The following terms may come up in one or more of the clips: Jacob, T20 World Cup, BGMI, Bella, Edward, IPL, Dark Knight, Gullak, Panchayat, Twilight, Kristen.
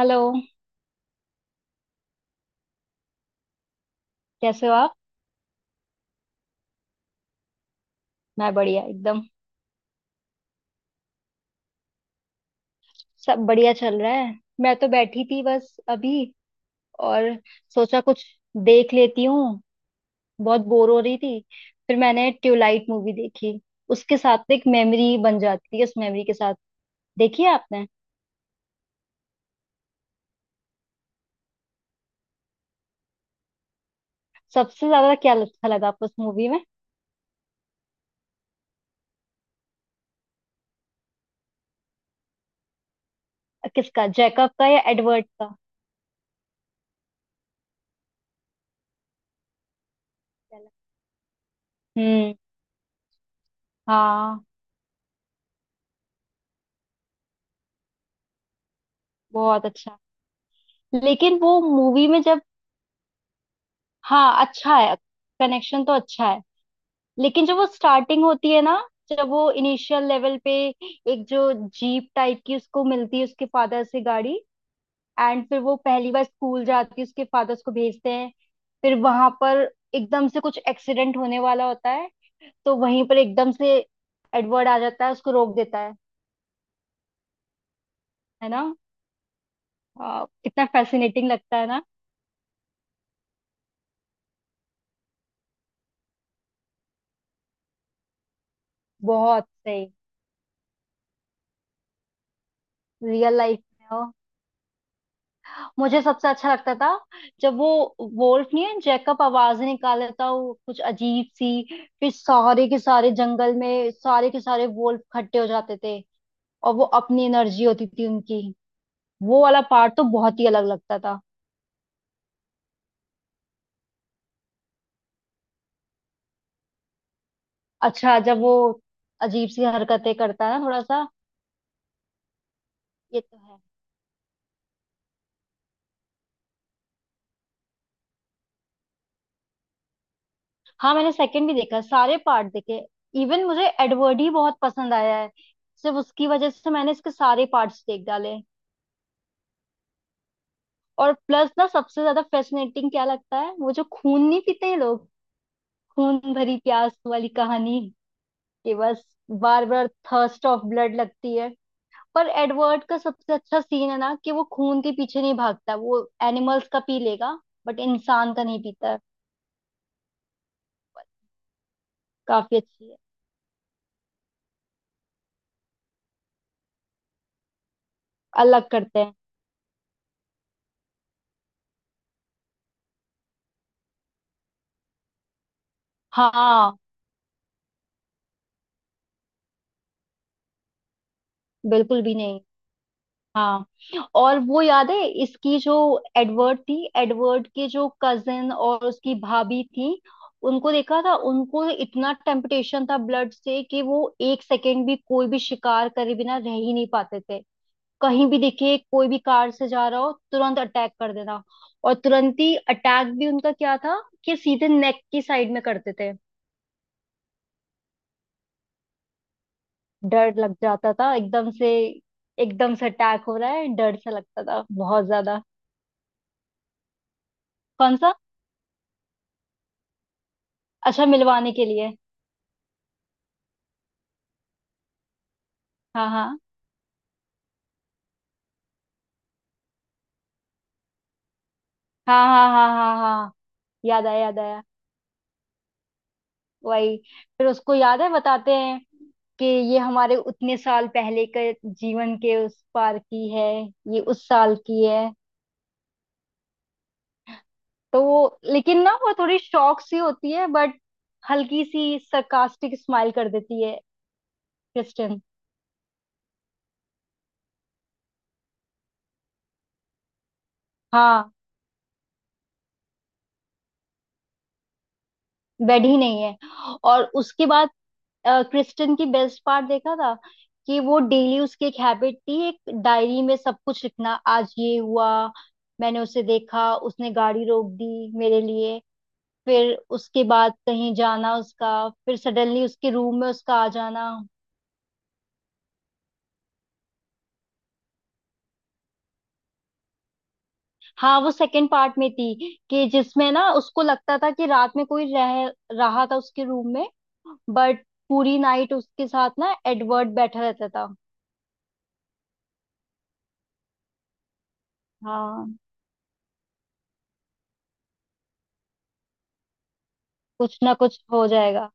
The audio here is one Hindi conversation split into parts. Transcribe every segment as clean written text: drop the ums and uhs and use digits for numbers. हेलो। कैसे हो आप? मैं बढ़िया एकदम। सब बढ़िया चल रहा है, मैं तो बैठी थी बस अभी और सोचा कुछ देख लेती हूँ। बहुत बोर हो रही थी, फिर मैंने ट्यूबलाइट मूवी देखी। उसके साथ एक मेमोरी बन जाती है, उस मेमोरी के साथ। देखी है आपने? सबसे ज्यादा क्या अच्छा लगा आपको उस मूवी में? किसका, जैकब का या एडवर्ड का? हम्म। हाँ। बहुत अच्छा। लेकिन वो मूवी में जब हाँ अच्छा है, कनेक्शन तो अच्छा है। लेकिन जब वो स्टार्टिंग होती है ना, जब वो इनिशियल लेवल पे एक जो जीप टाइप की उसको मिलती है उसके फादर से गाड़ी। एंड फिर वो पहली बार स्कूल जाती है, उसके फादर उसको भेजते हैं। फिर वहां पर एकदम से कुछ एक्सीडेंट होने वाला होता है, तो वहीं पर एकदम से एडवर्ड आ जाता है, उसको रोक देता है। है ना? कितना फैसिनेटिंग लगता है ना। बहुत सही। रियल लाइफ में हो। मुझे सबसे अच्छा लगता था जब वो वोल्फ नहीं है, जैकब आवाज निकाल था वो कुछ अजीब सी, फिर सारे के सारे जंगल में सारे के सारे वोल्फ इकट्ठे हो जाते थे और वो अपनी एनर्जी होती थी उनकी। वो वाला पार्ट तो बहुत ही अलग लगता था। अच्छा जब वो अजीब सी हरकतें करता है ना, थोड़ा सा। ये तो है। हाँ मैंने सेकंड भी देखा, सारे पार्ट देखे। इवन मुझे एडवर्ड ही बहुत पसंद आया है। सिर्फ उसकी वजह से मैंने इसके सारे पार्ट्स देख डाले। और प्लस ना सबसे ज्यादा फैसिनेटिंग क्या लगता है, वो जो खून नहीं पीते हैं लोग, खून भरी प्यास वाली कहानी, कि बस बार बार थर्स्ट ऑफ ब्लड लगती है। पर एडवर्ड का सबसे अच्छा सीन है ना, कि वो खून के पीछे नहीं भागता, वो एनिमल्स का पी लेगा बट इंसान का नहीं पीता है। काफी अच्छी है। अलग करते हैं। हाँ। बिल्कुल भी नहीं। हाँ। और वो याद है इसकी जो एडवर्ड थी, एडवर्ड के जो कजिन और उसकी भाभी थी, उनको देखा था? उनको इतना टेम्पटेशन था ब्लड से कि वो एक सेकेंड भी कोई भी शिकार करे बिना रह ही नहीं पाते थे। कहीं भी देखे कोई भी कार से जा रहा हो, तुरंत अटैक कर देना। और तुरंत ही अटैक भी उनका क्या था, कि सीधे नेक की साइड में करते थे। डर लग जाता था एकदम से, एकदम से अटैक हो रहा है, डर सा लगता था बहुत ज्यादा। कौन सा? अच्छा, मिलवाने के लिए। हाँ हाँ हाँ हाँ हाँ हाँ हाँ। याद आया, याद आया। वही। फिर उसको याद है बताते हैं कि ये हमारे उतने साल पहले के जीवन के उस पार की है, ये उस साल की है। तो वो लेकिन ना, वो थोड़ी शॉक सी होती है बट हल्की सी sarcastic स्माइल कर देती है क्रिस्टन। हाँ। बेड ही नहीं है। और उसके बाद क्रिस्टन की बेस्ट पार्ट देखा था कि वो डेली उसकी एक हैबिट थी एक डायरी में सब कुछ लिखना, आज ये हुआ, मैंने उसे देखा, उसने गाड़ी रोक दी मेरे लिए, फिर उसके बाद कहीं जाना उसका, फिर सडनली उसके रूम में उसका आ जाना। हाँ वो सेकंड पार्ट में थी, कि जिसमें ना उसको लगता था कि रात में कोई रह रहा था उसके रूम में, बट पूरी नाइट उसके साथ ना एडवर्ड बैठा रहता था। हाँ। कुछ ना कुछ हो जाएगा।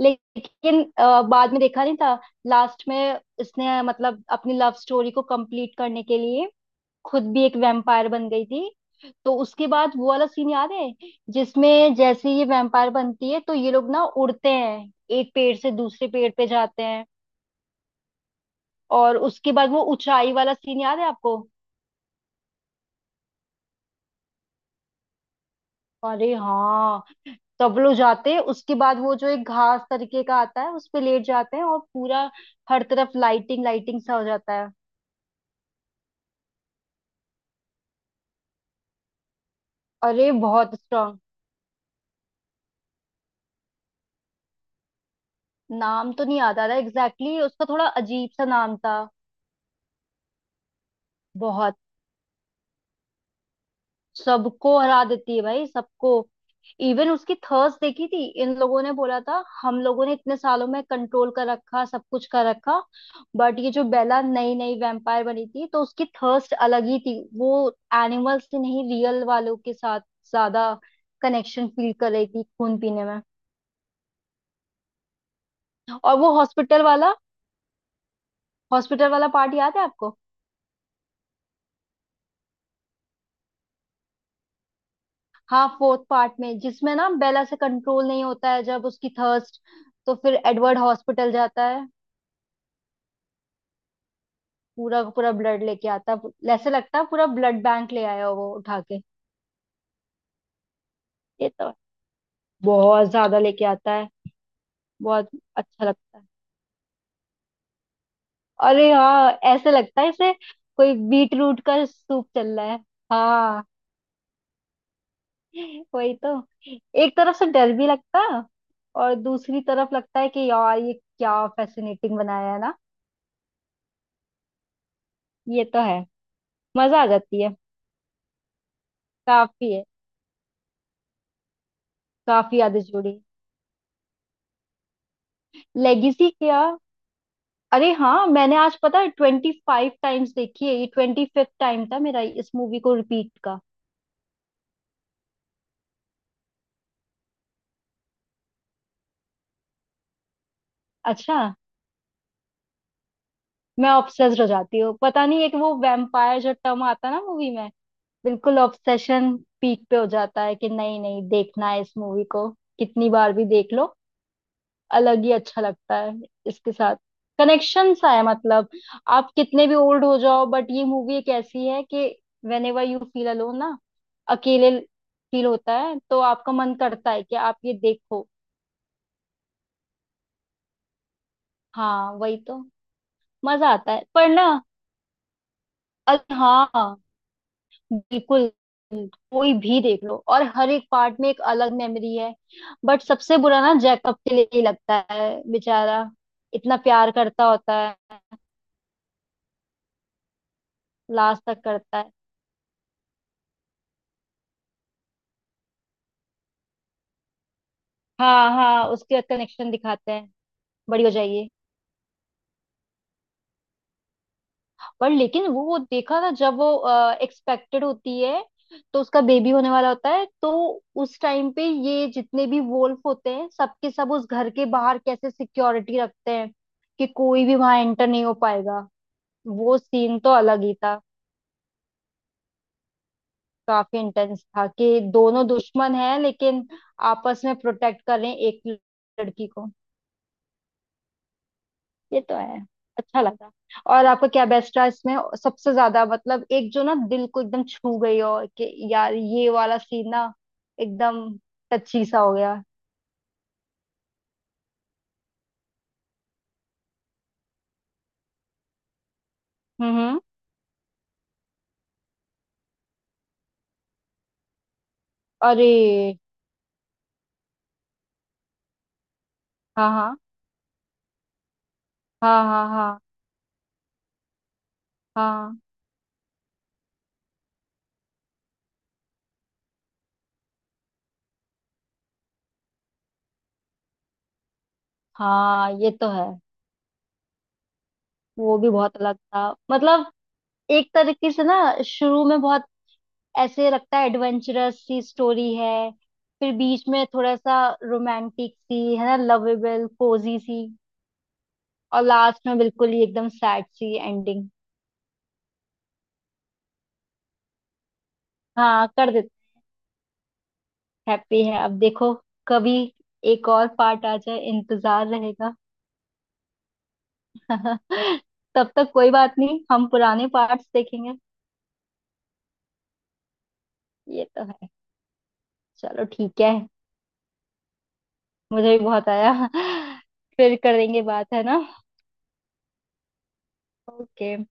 लेकिन बाद में देखा नहीं था। लास्ट में इसने मतलब अपनी लव स्टोरी को कंप्लीट करने के लिए खुद भी एक वैम्पायर बन गई थी। तो उसके बाद वो वाला सीन याद है, जिसमें जैसे ये वैम्पायर बनती है, तो ये लोग ना उड़ते हैं, एक पेड़ से दूसरे पेड़ पे जाते हैं। और उसके बाद वो ऊंचाई वाला सीन याद है आपको? अरे हाँ। तब लोग जाते हैं, उसके बाद वो जो एक घास तरीके का आता है उस पे लेट जाते हैं और पूरा हर तरफ लाइटिंग लाइटिंग सा हो जाता है। अरे बहुत। नाम तो नहीं याद आ रहा एग्जैक्टली, उसका थोड़ा अजीब सा नाम था। बहुत। सबको हरा देती है भाई, सबको। इवन उसकी थर्स देखी थी, इन लोगों ने बोला था हम लोगों ने इतने सालों में कंट्रोल कर रखा, सब कुछ कर रखा, बट ये जो बेला नई नई वैम्पायर बनी थी तो उसकी थर्स्ट अलग ही थी। वो एनिमल्स से नहीं, रियल वालों के साथ ज्यादा कनेक्शन फील कर रही थी खून पीने में। और वो हॉस्पिटल वाला, हॉस्पिटल वाला पार्ट याद है आपको? हाँ फोर्थ पार्ट में जिसमें ना बेला से कंट्रोल नहीं होता है जब उसकी थर्स्ट। तो फिर एडवर्ड हॉस्पिटल जाता है, पूरा का पूरा ब्लड लेके आता है, ऐसे लगता है पूरा ब्लड बैंक ले आया हो वो उठा के। ये तो बहुत ज्यादा लेके आता है। बहुत अच्छा लगता है। अरे हाँ, ऐसे लगता है जैसे कोई बीट रूट का सूप चल रहा है। हाँ वही तो। एक तरफ से डर भी लगता है और दूसरी तरफ लगता है कि यार ये क्या फैसिनेटिंग बनाया है ना। ये तो है। मजा आ जाती है। काफी है, काफी यादें जुड़ी। लेगेसी क्या? अरे हाँ, मैंने आज पता है 25 टाइम्स देखी है, ये 25th टाइम था मेरा इस मूवी को रिपीट का। अच्छा। मैं ऑब्सेस्ड हो जाती हूँ, पता नहीं एक वो वैम्पायर जो टर्म आता है ना मूवी में, बिल्कुल ऑब्सेशन पीक पे हो जाता है कि नहीं नहीं देखना है इस मूवी को, कितनी बार भी देख लो अलग ही अच्छा लगता है। इसके साथ कनेक्शन सा है मतलब, आप कितने भी ओल्ड हो जाओ बट ये मूवी एक ऐसी है कि whenever you feel alone ना, अकेले फील होता है तो आपका मन करता है कि आप ये देखो। हाँ वही तो। मजा आता है पर ना। अरे हाँ, बिल्कुल। कोई भी देख लो, और हर एक पार्ट में एक अलग मेमोरी है। बट सबसे बुरा ना जैकब के लिए ही लगता है, बेचारा इतना प्यार करता होता है, लास्ट तक करता है। हाँ हाँ, उसके कनेक्शन दिखाते हैं, बड़ी हो जाइए। पर लेकिन वो देखा ना, जब वो एक्सपेक्टेड होती है तो उसका बेबी होने वाला होता है, तो उस टाइम पे ये जितने भी वोल्फ होते हैं सबके सब उस घर के बाहर कैसे सिक्योरिटी रखते हैं कि कोई भी वहां एंटर नहीं हो पाएगा। वो सीन तो अलग ही था। काफी इंटेंस था कि दोनों दुश्मन हैं लेकिन आपस में प्रोटेक्ट कर रहे हैं एक लड़की को। ये तो है, अच्छा लगा। और आपका क्या बेस्ट रहा इसमें, सबसे ज्यादा? मतलब एक जो ना दिल को एकदम छू गई हो कि यार ये वाला सीन ना, एकदम टची सा हो गया। हम्म हम्म। अरे हाँ हाँ हाँ हाँ हाँ हाँ हाँ। ये तो है। वो भी बहुत अलग था मतलब, एक तरीके से ना, शुरू में बहुत ऐसे लगता है एडवेंचरस सी स्टोरी है, फिर बीच में थोड़ा सा रोमांटिक सी है ना, लवेबल कोजी सी, और लास्ट में बिल्कुल ही एकदम सैड सी एंडिंग। हाँ कर देते। हैप्पी है, अब देखो कभी एक और पार्ट आ जाए, इंतजार रहेगा। तब तक कोई बात नहीं, हम पुराने पार्ट्स देखेंगे। ये तो है। चलो ठीक है। मुझे भी बहुत आया। फिर करेंगे बात, है ना? ओके।